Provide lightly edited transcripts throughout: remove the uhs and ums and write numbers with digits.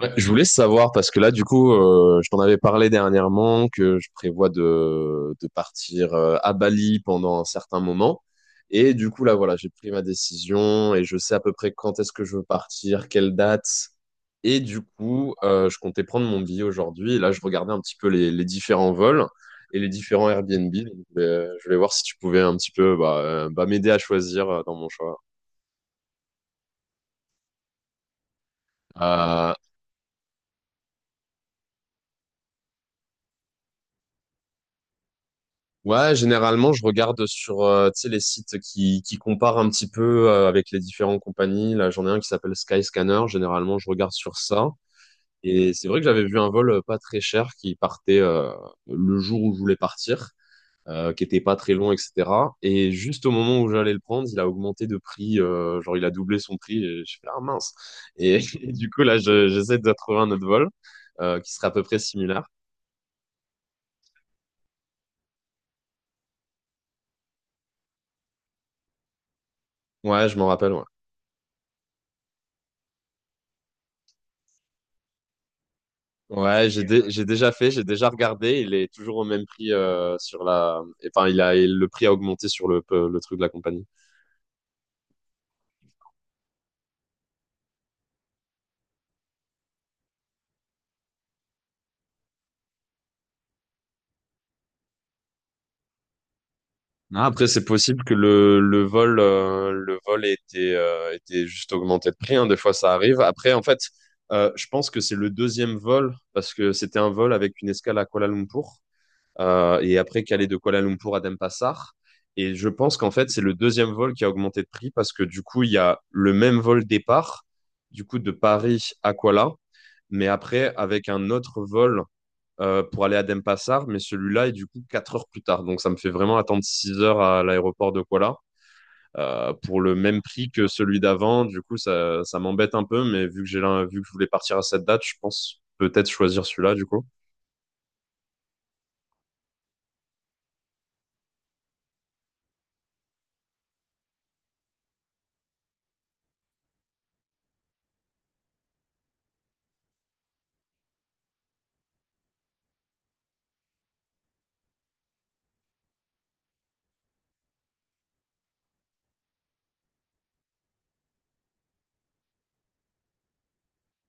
Ouais, je voulais savoir parce que là, du coup, je t'en avais parlé dernièrement que je prévois de partir à Bali pendant un certain moment. Et du coup, là, voilà, j'ai pris ma décision et je sais à peu près quand est-ce que je veux partir, quelle date. Et du coup, je comptais prendre mon billet aujourd'hui. Et là, je regardais un petit peu les différents vols et les différents Airbnb. Donc, je voulais voir si tu pouvais un petit peu m'aider à choisir dans mon choix. Euh, Ouais, généralement, je regarde sur tu sais, les sites qui comparent un petit peu avec les différentes compagnies. Là, j'en ai un qui s'appelle Skyscanner. Généralement, je regarde sur ça. Et c'est vrai que j'avais vu un vol pas très cher qui partait le jour où je voulais partir, qui était pas très long, etc. Et juste au moment où j'allais le prendre, il a augmenté de prix. Genre, il a doublé son prix. Et je fais, ah mince. Et du coup, là, j'essaie de trouver un autre vol qui serait à peu près similaire. Ouais, je m'en rappelle. Ouais. Ouais, j'ai déjà fait, j'ai déjà regardé. Il est toujours au même prix sur la. Enfin, il a le prix a augmenté sur le truc de la compagnie. Non, après, c'est possible que le vol le vol ait été était juste augmenté de prix. Hein. Des fois, ça arrive. Après, en fait, je pense que c'est le deuxième vol parce que c'était un vol avec une escale à Kuala Lumpur. Et après Calais de Kuala Lumpur à Denpasar. Et je pense qu'en fait, c'est le deuxième vol qui a augmenté de prix parce que du coup, il y a le même vol départ, du coup, de Paris à Kuala, mais après, avec un autre vol pour aller à Denpasar, mais celui-là est du coup 4 heures plus tard. Donc, ça me fait vraiment attendre 6 heures à l'aéroport de Kuala. Pour le même prix que celui d'avant, du coup, ça m'embête un peu, mais vu que vu que je voulais partir à cette date, je pense peut-être choisir celui-là, du coup.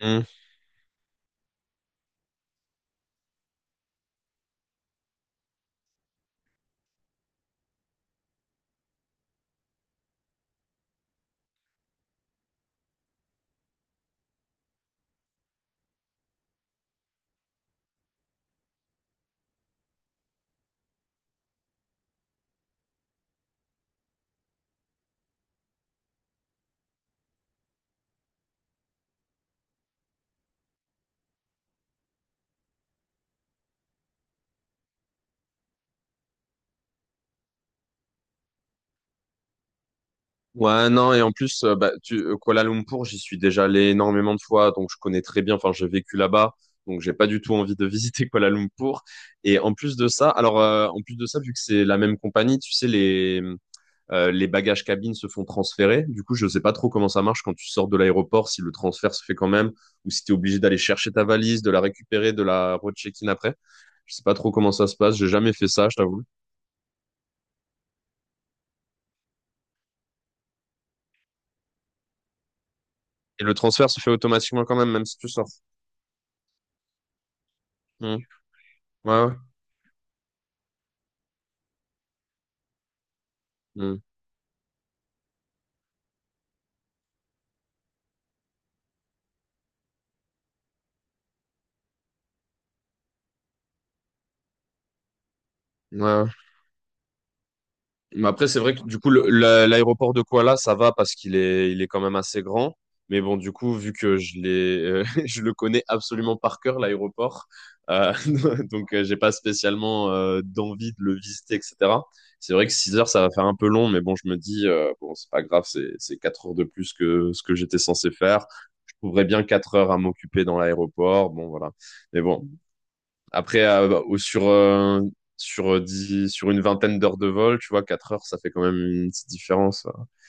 Mm. Ouais, non, et en plus, Kuala Lumpur, j'y suis déjà allé énormément de fois, donc je connais très bien, enfin, j'ai vécu là-bas, donc j'ai pas du tout envie de visiter Kuala Lumpur. Et en plus de ça, alors, en plus de ça, vu que c'est la même compagnie, tu sais, les bagages cabines se font transférer. Du coup, je sais pas trop comment ça marche quand tu sors de l'aéroport, si le transfert se fait quand même, ou si t'es obligé d'aller chercher ta valise, de la récupérer, de la recheck-in après. Je sais pas trop comment ça se passe, j'ai jamais fait ça, je t'avoue. Et le transfert se fait automatiquement quand même, même si tu sors. Hmm. Ouais, ouais. Hmm. Ouais, ouais. Mais après, c'est vrai que du coup, l'aéroport de Kuala, ça va parce qu'il est, il est quand même assez grand. Mais bon, du coup, vu que je le connais absolument par cœur, l'aéroport, euh, donc j'ai pas spécialement d'envie de le visiter, etc. C'est vrai que 6 heures, ça va faire un peu long, mais bon, je me dis, bon, c'est pas grave, c'est 4 heures de plus que ce que j'étais censé faire. Je trouverais bien 4 heures à m'occuper dans l'aéroport. Bon, voilà. Mais bon, après, sur une vingtaine d'heures de vol, tu vois, 4 heures, ça fait quand même une petite différence.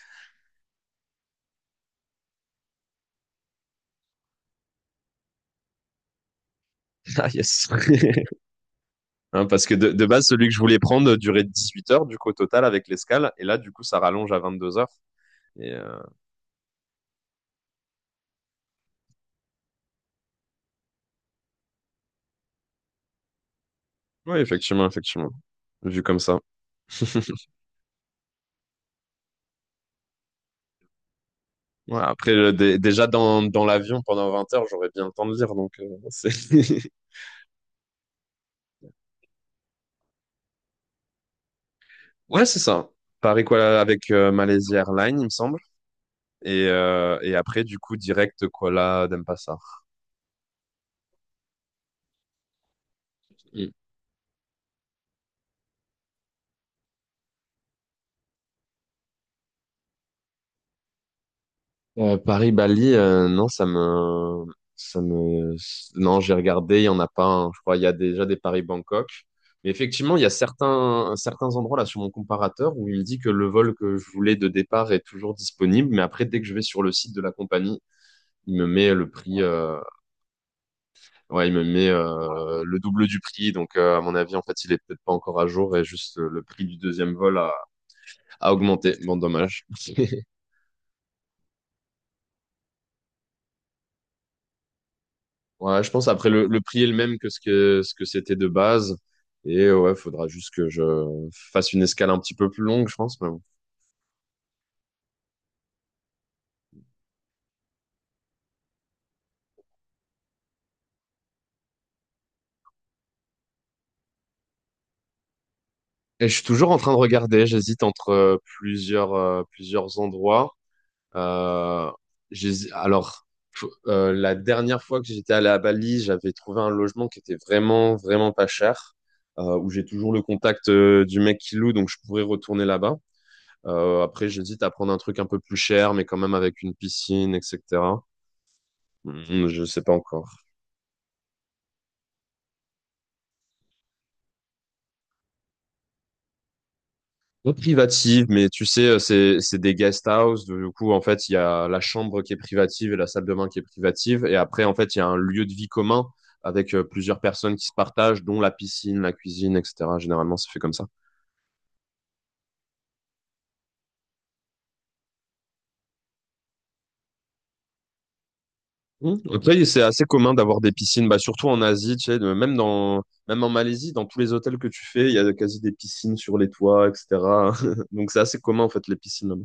Ah, yes. Hein, parce que de base, celui que je voulais prendre durait 18 heures, du coup, au total, avec l'escale. Et là, du coup, ça rallonge à 22 heures. Et, euh, ouais, effectivement, effectivement. Vu comme ça. Ouais, après, déjà dans l'avion pendant 20 heures, j'aurais bien le temps de lire. Donc, c'est... Ouais, c'est ça. Paris Kuala avec Malaysia Airlines, il me semble. Et après, du coup, direct Kuala Denpasar. Paris-Bali, non, ça me, non, j'ai regardé, il y en a pas un. Je crois, il y a déjà des Paris-Bangkok. Mais effectivement, il y a certains endroits là sur mon comparateur où il me dit que le vol que je voulais de départ est toujours disponible, mais après, dès que je vais sur le site de la compagnie, il me met le prix, ouais, il me met le double du prix. Donc, à mon avis, en fait, il est peut-être pas encore à jour et juste le prix du deuxième a augmenté. Bon, dommage. Ouais, je pense après le prix est le même que ce que ce que c'était de base. Et ouais, faudra juste que je fasse une escale un petit peu plus longue, je pense. Mais bon. Et je suis toujours en train de regarder, j'hésite entre plusieurs endroits. Euh, j'hési- alors la dernière fois que j'étais allé à Bali, j'avais trouvé un logement qui était vraiment pas cher, où j'ai toujours le contact du mec qui loue, donc je pourrais retourner là-bas. Après, j'hésite à prendre un truc un peu plus cher, mais quand même avec une piscine, etc. Mmh, je sais pas encore. Pas privative, mais tu sais, c'est des guest house. Du coup, en fait, il y a la chambre qui est privative et la salle de bain qui est privative. Et après, en fait, il y a un lieu de vie commun avec plusieurs personnes qui se partagent, dont la piscine, la cuisine, etc. Généralement, c'est fait comme ça. Mmh. Après, c'est assez commun d'avoir des piscines, bah, surtout en Asie, tu sais, même en Malaisie, dans tous les hôtels que tu fais, il y a quasi des piscines sur les toits, etc. Donc, c'est assez commun, en fait, les piscines là-bas.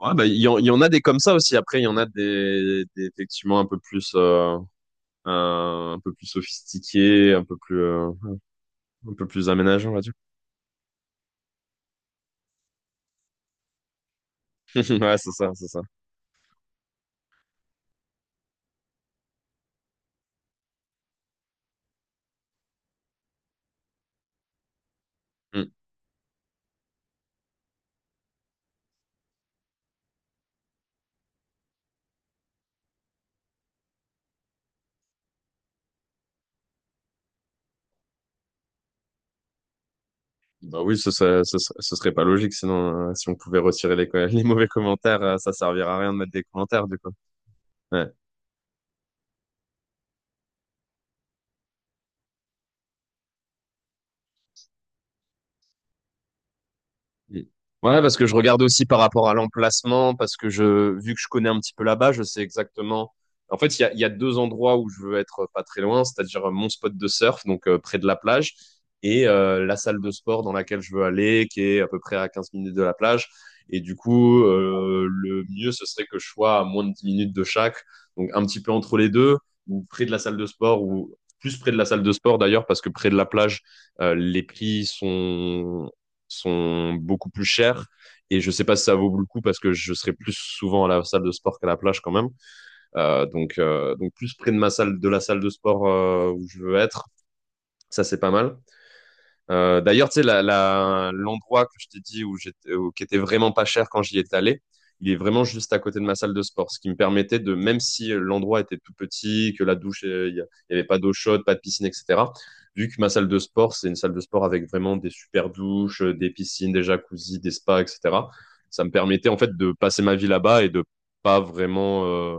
Ouais, bah, il y en a des comme ça aussi. Après, il y en a des effectivement un peu plus, un peu plus sophistiqués, un peu plus aménagés, on va dire. Ouais, c'est ça, c'est ça. Mm. Bah oui, ce serait ce serait pas logique sinon. Si on pouvait retirer les mauvais commentaires, ça servirait à rien de mettre des commentaires, du coup. Ouais. Mm. Ouais, parce que je regarde aussi par rapport à l'emplacement, parce que je, vu que je connais un petit peu là-bas, je sais exactement. En fait, il y a deux endroits où je veux être pas très loin, c'est-à-dire mon spot de surf, donc près de la plage, et la salle de sport dans laquelle je veux aller, qui est à peu près à 15 minutes de la plage. Et du coup, le mieux, ce serait que je sois à moins de 10 minutes de chaque, donc un petit peu entre les deux, ou près de la salle de sport, ou plus près de la salle de sport d'ailleurs, parce que près de la plage, les prix sont beaucoup plus chères. Et je sais pas si ça vaut le coup parce que je serai plus souvent à la salle de sport qu'à la plage quand même. Donc plus près de ma salle, de la salle de sport où je veux être, ça c'est pas mal. D'ailleurs, tu sais, l'endroit que je t'ai dit où j'étais, qui était vraiment pas cher quand j'y étais allé, il est vraiment juste à côté de ma salle de sport, ce qui me permettait de, même si l'endroit était tout petit, que la douche, il y avait pas d'eau chaude, pas de piscine, etc. Vu que ma salle de sport, c'est une salle de sport avec vraiment des super douches, des piscines, des jacuzzis, des spas, etc. Ça me permettait en fait de passer ma vie là-bas et de pas vraiment euh,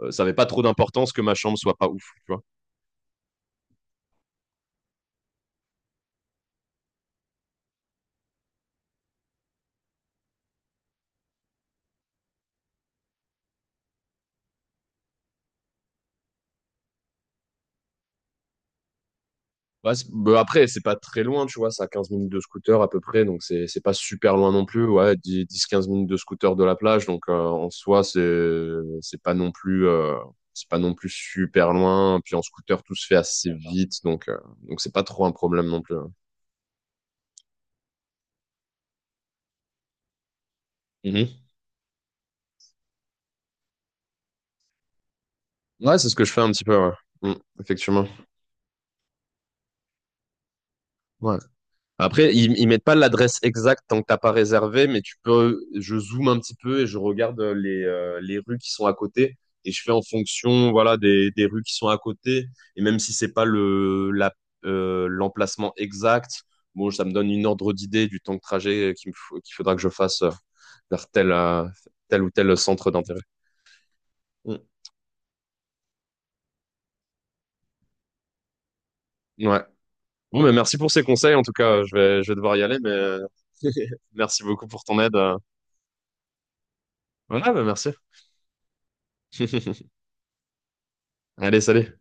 euh, ça n'avait pas trop d'importance que ma chambre soit pas ouf, tu vois. Bah, bah, après, c'est pas très loin, tu vois, c'est à 15 minutes de scooter à peu près, donc c'est pas super loin non plus, ouais, 10 15 minutes de scooter de la plage, donc en soi, c'est pas non plus c'est pas non plus super loin, puis en scooter, tout se fait assez vite, donc c'est pas trop un problème non plus. Hein. Mhm. Ouais, c'est ce que je fais un petit peu, ouais. Mm, effectivement. Ouais. Après, ils mettent pas l'adresse exacte tant que t'as pas réservé, mais tu peux, je zoome un petit peu et je regarde les rues qui sont à côté et je fais en fonction, voilà, des rues qui sont à côté. Et même si c'est pas l'emplacement exact, bon, ça me donne une ordre d'idée du temps de trajet qu'il faudra que je fasse vers tel, euh, tel ou tel centre d'intérêt. Mm. Ouais. Bon, mais merci pour ces conseils. En tout cas, je vais devoir y aller, mais merci beaucoup pour ton aide. Voilà, bah merci. Allez, salut.